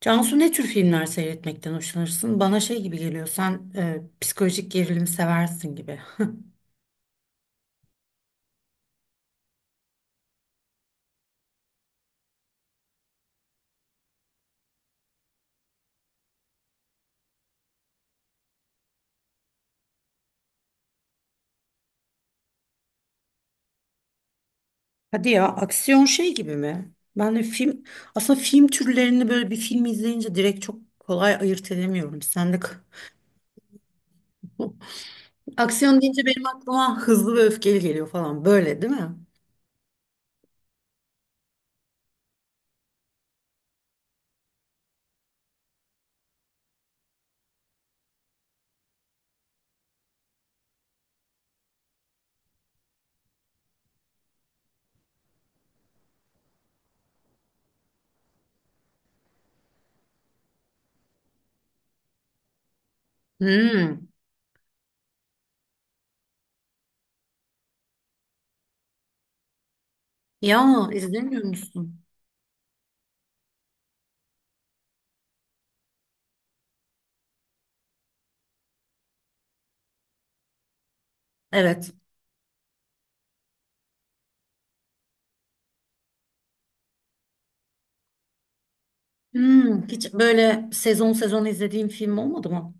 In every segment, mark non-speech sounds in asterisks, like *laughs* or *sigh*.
Cansu ne tür filmler seyretmekten hoşlanırsın? Bana şey gibi geliyor, sen psikolojik gerilim seversin gibi. *laughs* Hadi ya, aksiyon şey gibi mi? Ben de aslında film türlerini böyle bir film izleyince direkt çok kolay ayırt edemiyorum. Sen de *laughs* aksiyon deyince benim aklıma hızlı ve öfkeli geliyor falan böyle, değil mi? Hmm. Ya izlemiyor musun? Evet. Hmm, hiç böyle sezon sezon izlediğim film olmadı mı?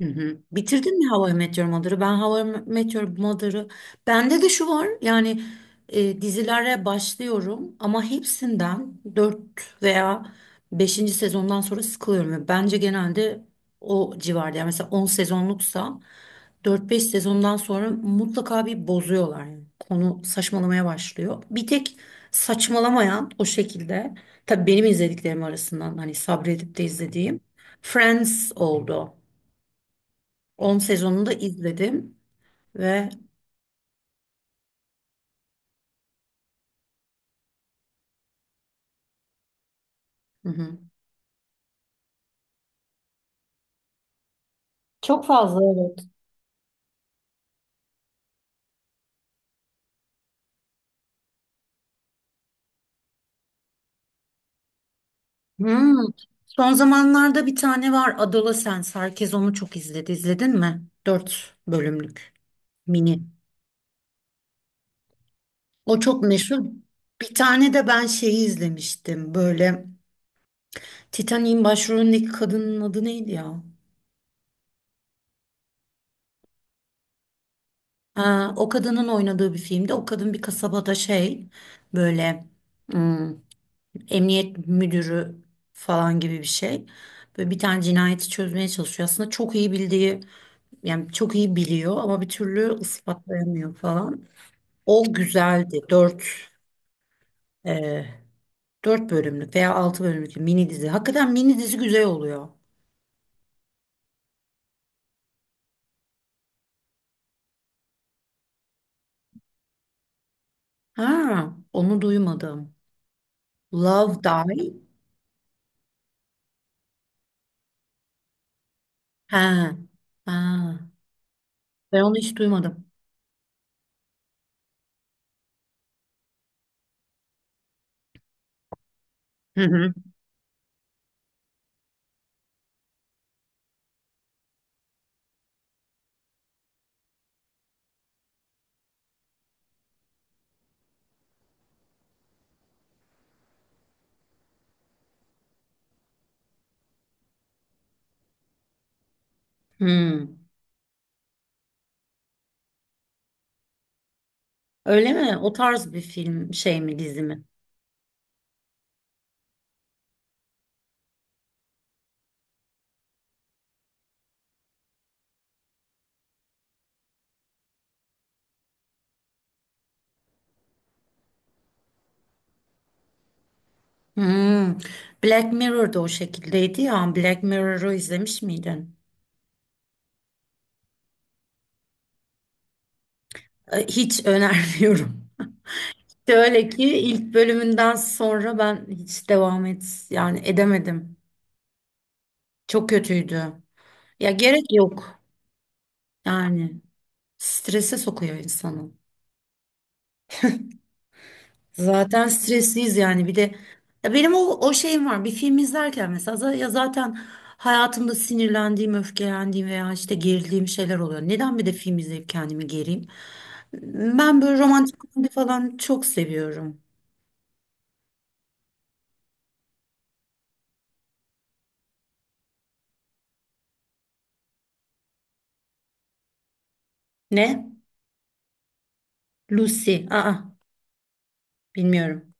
Hı hı. Bitirdin mi How I Met Your Mother'ı? Ben How I Met Your Mother'ı... Bende de şu var yani dizilere başlıyorum ama hepsinden 4 veya beşinci sezondan sonra sıkılıyorum. Ve bence genelde o civarda, yani mesela 10 sezonluksa dört beş sezondan sonra mutlaka bir bozuyorlar. Yani konu saçmalamaya başlıyor. Bir tek saçmalamayan, o şekilde tabii benim izlediklerim arasından hani sabredip de izlediğim Friends oldu. 10 sezonunu da izledim ve hı hı. Çok fazla, evet. Hmm. Son zamanlarda bir tane var, Adolescence. Herkes onu çok izledi. İzledin mi? 4 bölümlük mini. O çok meşhur. Bir tane de ben şeyi izlemiştim. Böyle Titanic'in başrolündeki kadının adı neydi ya? Ha, o kadının oynadığı bir filmde. O kadın bir kasabada şey, böyle emniyet müdürü falan gibi bir şey. Böyle bir tane cinayeti çözmeye çalışıyor. Aslında çok iyi bildiği, yani çok iyi biliyor ama bir türlü ispatlayamıyor falan. O güzeldi. E, dört bölümlük veya altı bölümlük bir mini dizi. Hakikaten mini dizi güzel oluyor. Ha, onu duymadım. Love Die. Ha, ha. Ben onu hiç duymadım. Hı hı. Hmm. Öyle mi? O tarz bir film şey mi, dizi mi? Hmm. Black Mirror'da o şekildeydi ya. Black Mirror'ı izlemiş miydin? Hiç önermiyorum. *laughs* Şöyle ki ilk bölümünden sonra ben hiç devam et yani edemedim. Çok kötüydü. Ya gerek yok. Yani strese sokuyor insanı. Zaten stresliyiz yani bir de ya benim o şeyim var. Bir film izlerken mesela zaten hayatımda sinirlendiğim, öfkelendiğim veya işte gerildiğim şeyler oluyor. Neden bir de film izleyip kendimi gereyim? Ben böyle romantik komedi falan çok seviyorum. Ne? Lucy. Aa, bilmiyorum.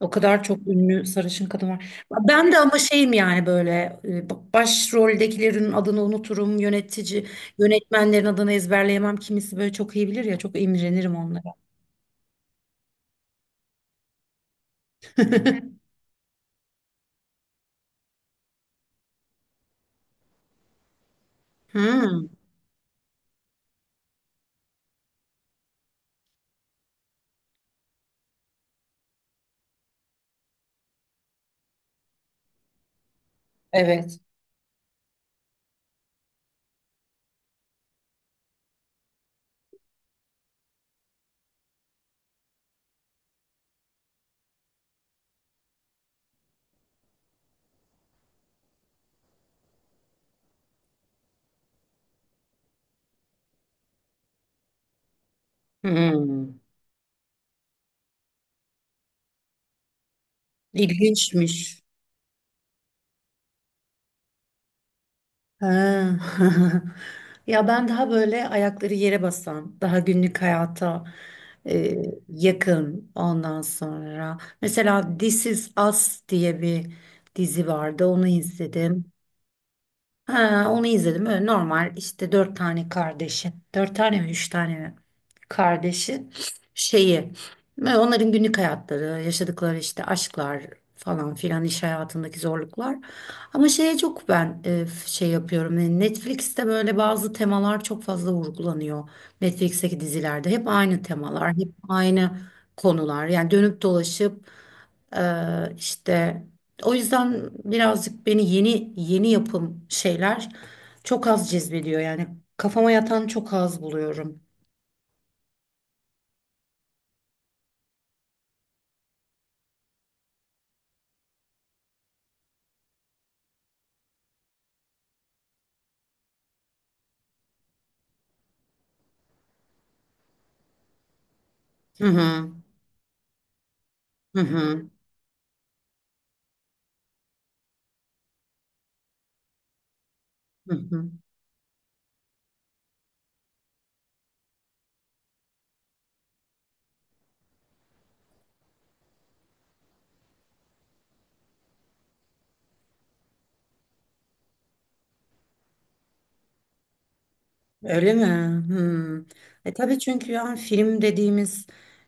O kadar çok ünlü sarışın kadın var. Ben de ama şeyim, yani böyle başroldekilerin adını unuturum. Yönetmenlerin adını ezberleyemem. Kimisi böyle çok iyi bilir ya, çok imrenirim onlara. *laughs* Hmm, evet. Hmm. İlginçmiş. Ha. *laughs* Ya ben daha böyle ayakları yere basan, daha günlük hayata e, yakın ondan sonra. Mesela This Is Us diye bir dizi vardı, onu izledim. Ha, onu izledim. Öyle normal işte dört tane kardeşi. Dört tane mi? Üç tane mi? Kardeşi şeyi ve onların günlük hayatları, yaşadıkları işte aşklar falan filan, iş hayatındaki zorluklar. Ama şeye çok ben şey yapıyorum. Yani Netflix'te böyle bazı temalar çok fazla vurgulanıyor. Netflix'teki dizilerde hep aynı temalar, hep aynı konular. Yani dönüp dolaşıp e, işte o yüzden birazcık beni yeni yeni yapım şeyler çok az cezbediyor. Yani kafama yatan çok az buluyorum. Hı hı. Hı hı. Hı hı. Öyle mi? Hmm. E tabii, çünkü yani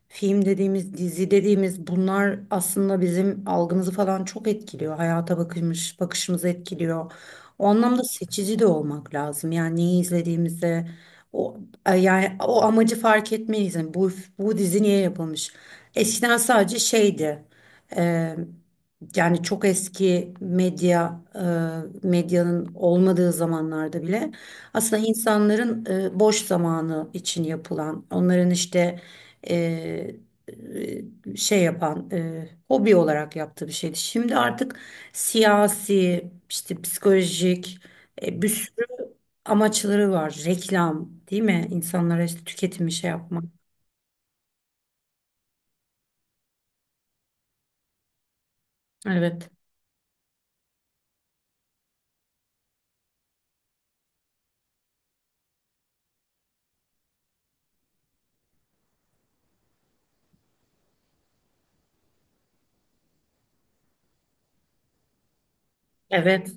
film dediğimiz, dizi dediğimiz, bunlar aslında bizim algımızı falan çok etkiliyor. Bakışımızı etkiliyor. O anlamda seçici de olmak lazım. Yani neyi izlediğimize o yani o amacı fark etmeliyiz. Yani bu dizi niye yapılmış? Eskiden sadece şeydi. e, Yani çok eski medyanın olmadığı zamanlarda bile aslında insanların boş zamanı için yapılan, onların işte e, şey yapan, hobi olarak yaptığı bir şeydi. Şimdi artık siyasi, işte psikolojik, bir sürü amaçları var. Reklam, değil mi? İnsanlara işte tüketimi şey yapmak. Evet. Evet.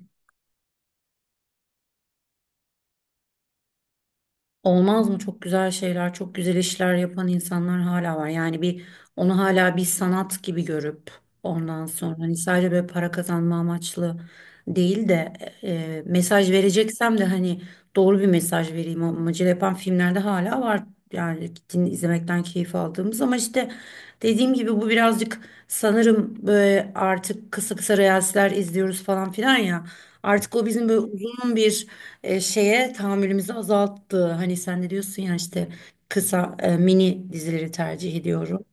Olmaz mı? Çok güzel şeyler, çok güzel işler yapan insanlar hala var. Yani bir, onu hala bir sanat gibi görüp ondan sonra hani sadece böyle para kazanma amaçlı değil de mesaj vereceksem de hani doğru bir mesaj vereyim amacıyla yapan filmlerde hala var. Yani din izlemekten keyif aldığımız ama işte dediğim gibi bu birazcık sanırım böyle artık kısa kısa reelsler izliyoruz falan filan ya. Artık o bizim böyle uzun bir şeye tahammülümüzü azalttı. Hani sen de diyorsun ya işte kısa mini dizileri tercih ediyorum.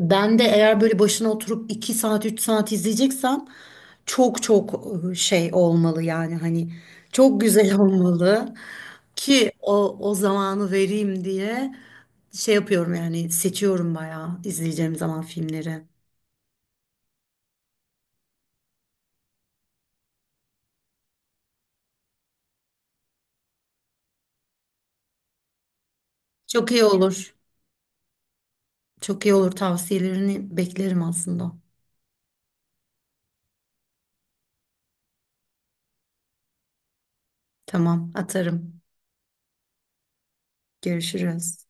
Ben de eğer böyle başına oturup 2 saat 3 saat izleyeceksem çok çok, şey olmalı, yani hani çok güzel *laughs* olmalı ki o zamanı vereyim diye şey yapıyorum, yani seçiyorum bayağı izleyeceğim zaman filmleri. Çok iyi olur. Çok iyi olur, tavsiyelerini beklerim aslında. Tamam, atarım. Görüşürüz.